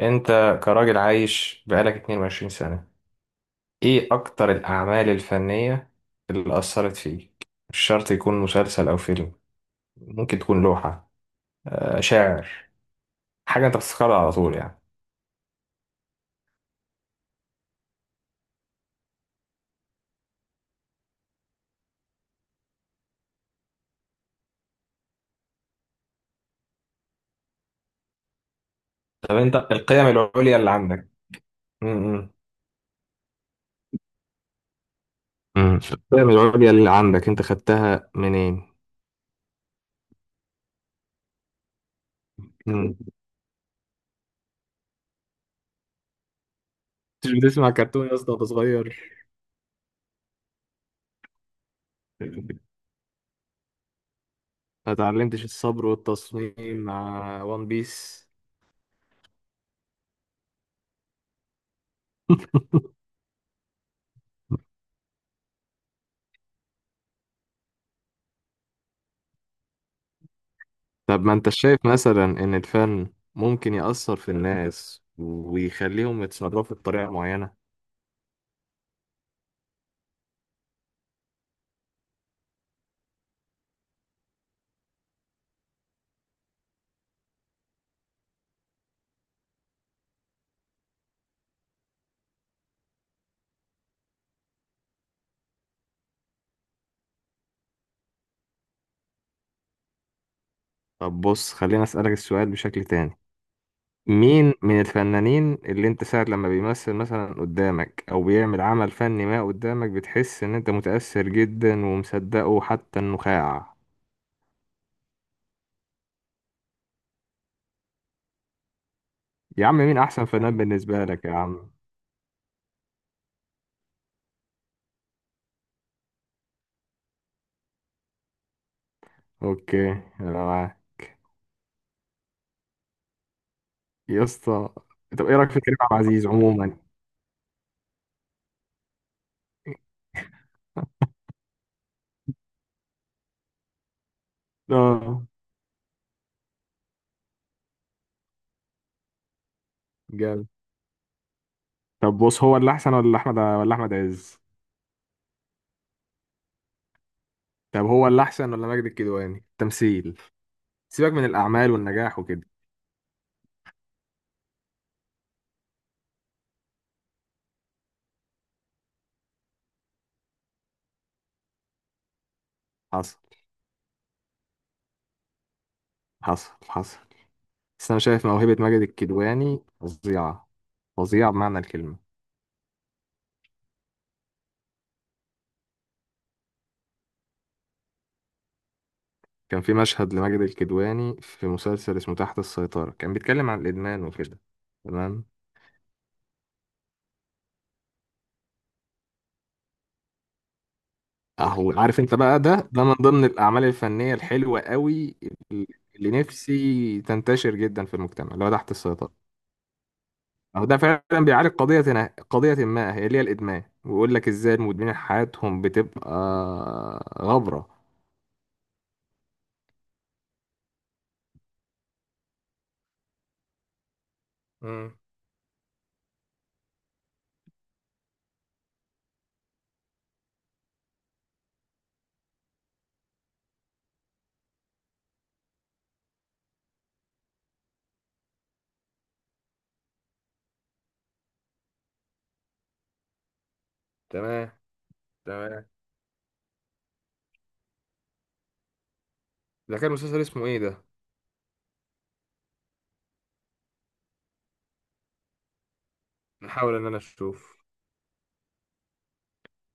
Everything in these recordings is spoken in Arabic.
انت، كراجل عايش بقالك 22 سنة، ايه اكتر الاعمال الفنية اللي اثرت فيك؟ مش شرط يكون مسلسل او فيلم، ممكن تكون لوحة، شاعر، حاجة انت بتفتكرها على طول يعني. طب انت القيم العليا اللي عندك، امم القيم العليا اللي عندك انت خدتها منين؟ مم. كنتش بتسمع كرتون يا اسطى وانت صغير؟ ما اتعلمتش الصبر والتصميم مع وان بيس؟ طب ما انت شايف مثلا ان الفن ممكن يأثر في الناس ويخليهم يتصرفوا بطريقة معينة؟ طب بص، خلينا أسألك السؤال بشكل تاني. مين من الفنانين اللي انت ساعة لما بيمثل مثلا قدامك او بيعمل عمل فني ما قدامك بتحس ان انت متأثر جدا ومصدقه حتى النخاع؟ يا عم مين احسن فنان بالنسبة لك يا عم؟ اوكي، انا معاك يا اسطى. طب ايه رأيك في كريم عبد العزيز عموما؟ اه، جامد. طب بص، هو اللي احسن ولا احمد، ولا احمد عز؟ طب هو اللي احسن ولا ماجد الكدواني تمثيل؟ سيبك من الاعمال والنجاح وكده. حصل، حصل، حصل. بس انا شايف موهبة ماجد الكدواني فظيعة، فظيعة بمعنى الكلمة. كان في مشهد لماجد الكدواني في مسلسل اسمه تحت السيطرة، كان بيتكلم عن الادمان وكده. تمام. اهو عارف انت بقى، ده من ضمن الاعمال الفنية الحلوة قوي اللي نفسي تنتشر جدا في المجتمع، اللي هو تحت السيطرة. أو ده فعلا بيعالج قضية قضية ما هي اللي هي الإدمان، ويقول لك إزاي المدمنين حياتهم بتبقى غبرة. امم، تمام، تمام. ده كان مسلسل اسمه ايه ده؟ نحاول ان انا اشوف.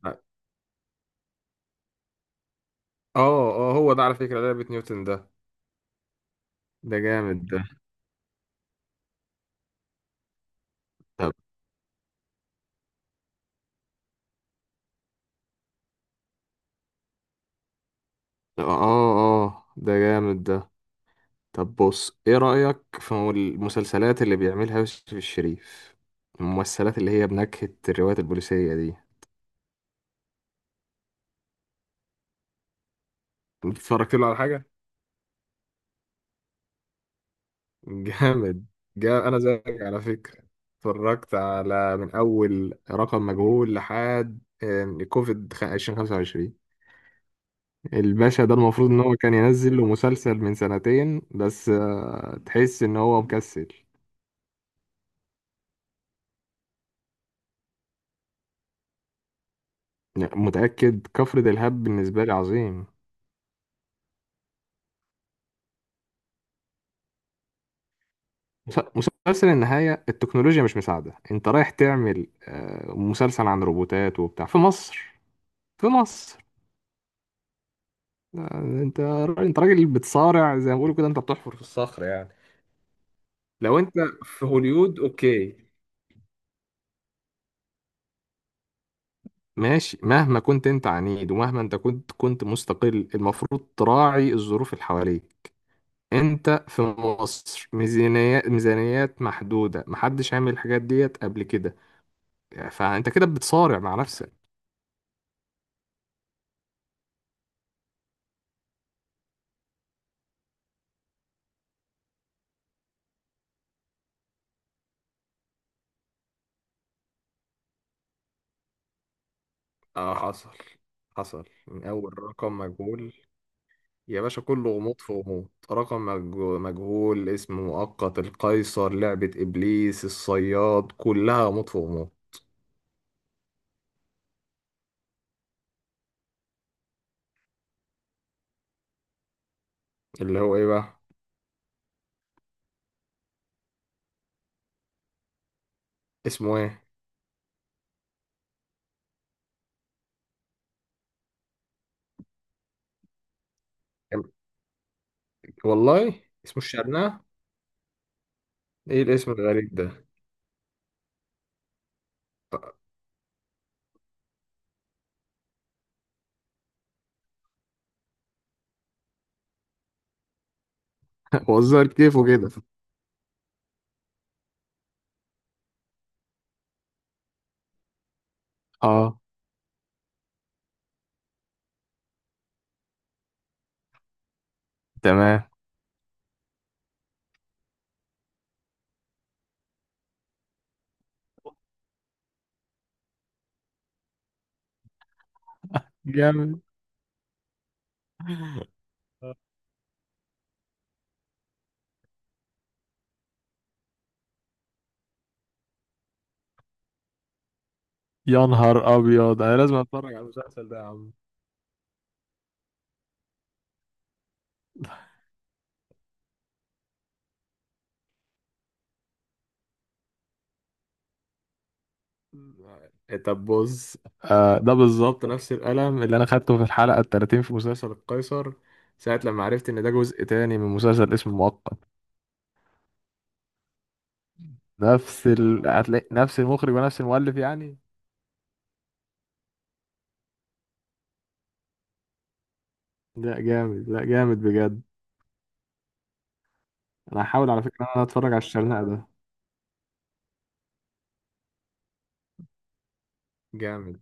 اه، اه هو ده على فكرة لعبة نيوتن ده، ده جامد ده. طب آه، آه، آه، ده جامد ده. طب بص، إيه رأيك في المسلسلات اللي بيعملها يوسف الشريف، الممثلات اللي هي بنكهة الروايات البوليسية دي؟ اتفرجت له على حاجة؟ جامد. جا انا زيك على فكره، اتفرجت على من اول رقم مجهول لحد كوفيد 2025. الباشا ده المفروض ان هو كان ينزل له مسلسل من سنتين، بس تحس ان هو مكسل. لا، متاكد كفر دلهاب بالنسبه لي عظيم. مس- مسلسل النهايه، التكنولوجيا مش مساعده، انت رايح تعمل مسلسل عن روبوتات وبتاع في مصر، في مصر؟ آه، انت انت راجل بتصارع زي ما بيقولوا كده، انت بتحفر في الصخر يعني. لو انت في هوليود اوكي، ماشي، مهما كنت انت عنيد ومهما انت كنت مستقل المفروض تراعي الظروف اللي حواليك. انت في مصر، ميزانيات، ميزانيات محدودة، محدش عامل الحاجات ديت قبل كده، فانت كده بتصارع مع نفسك. اه، حصل، حصل من اول رقم مجهول يا باشا، كله غموض في غموض. رقم مجهول، اسم مؤقت، القيصر، لعبة ابليس، الصياد، كلها غموض في غموض. اللي هو ايه بقى؟ اسمه ايه؟ والله اسمه الشرنقة. ايه الاسم الغريب ده؟ وزر كتفه كده. اه، تمام. جامد. يا نهار ابيض انا لازم اتفرج على المسلسل ده يا عم. طب بص، آه ده بالظبط نفس القلم اللي انا خدته في الحلقه ال 30 في مسلسل القيصر، ساعه لما عرفت ان ده جزء تاني من مسلسل اسمه المؤقت. نفس هتلاقي نفس المخرج ونفس المؤلف يعني. لا جامد، لا جامد بجد. انا هحاول على فكره ان انا اتفرج على الشرنقه ده. جامد.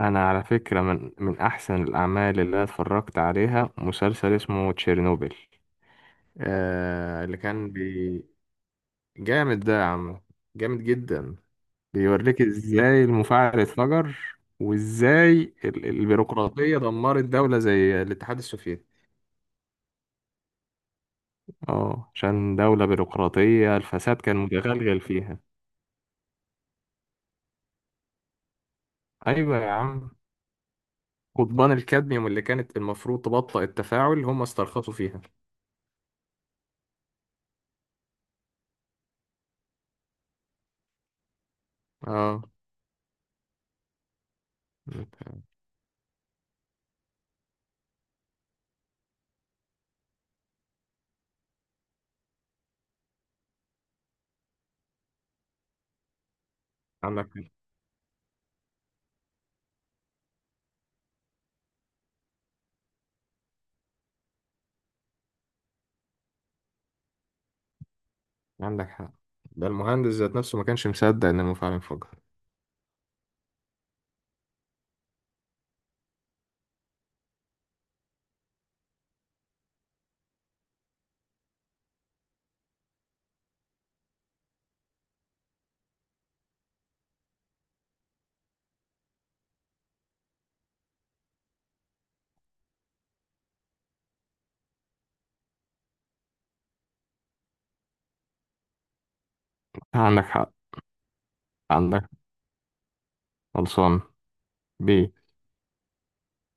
انا على فكرة من احسن الاعمال اللي انا اتفرجت عليها مسلسل اسمه تشيرنوبل، آه اللي كان جامد ده يا عم، جامد جدا. بيوريك ازاي المفاعل اتفجر، وازاي البيروقراطية دمرت دولة زي الاتحاد السوفيتي. اه، عشان دولة بيروقراطية الفساد كان متغلغل فيها. ايوه يا عم، قضبان الكادميوم اللي كانت المفروض تبطئ التفاعل هم استرخصوا فيها. اه، عندك عندك حق. ده المهندس ذات نفسه ما كانش مصدق ان المفاعل انفجر. عندك حق. عندك، خلصان بيه.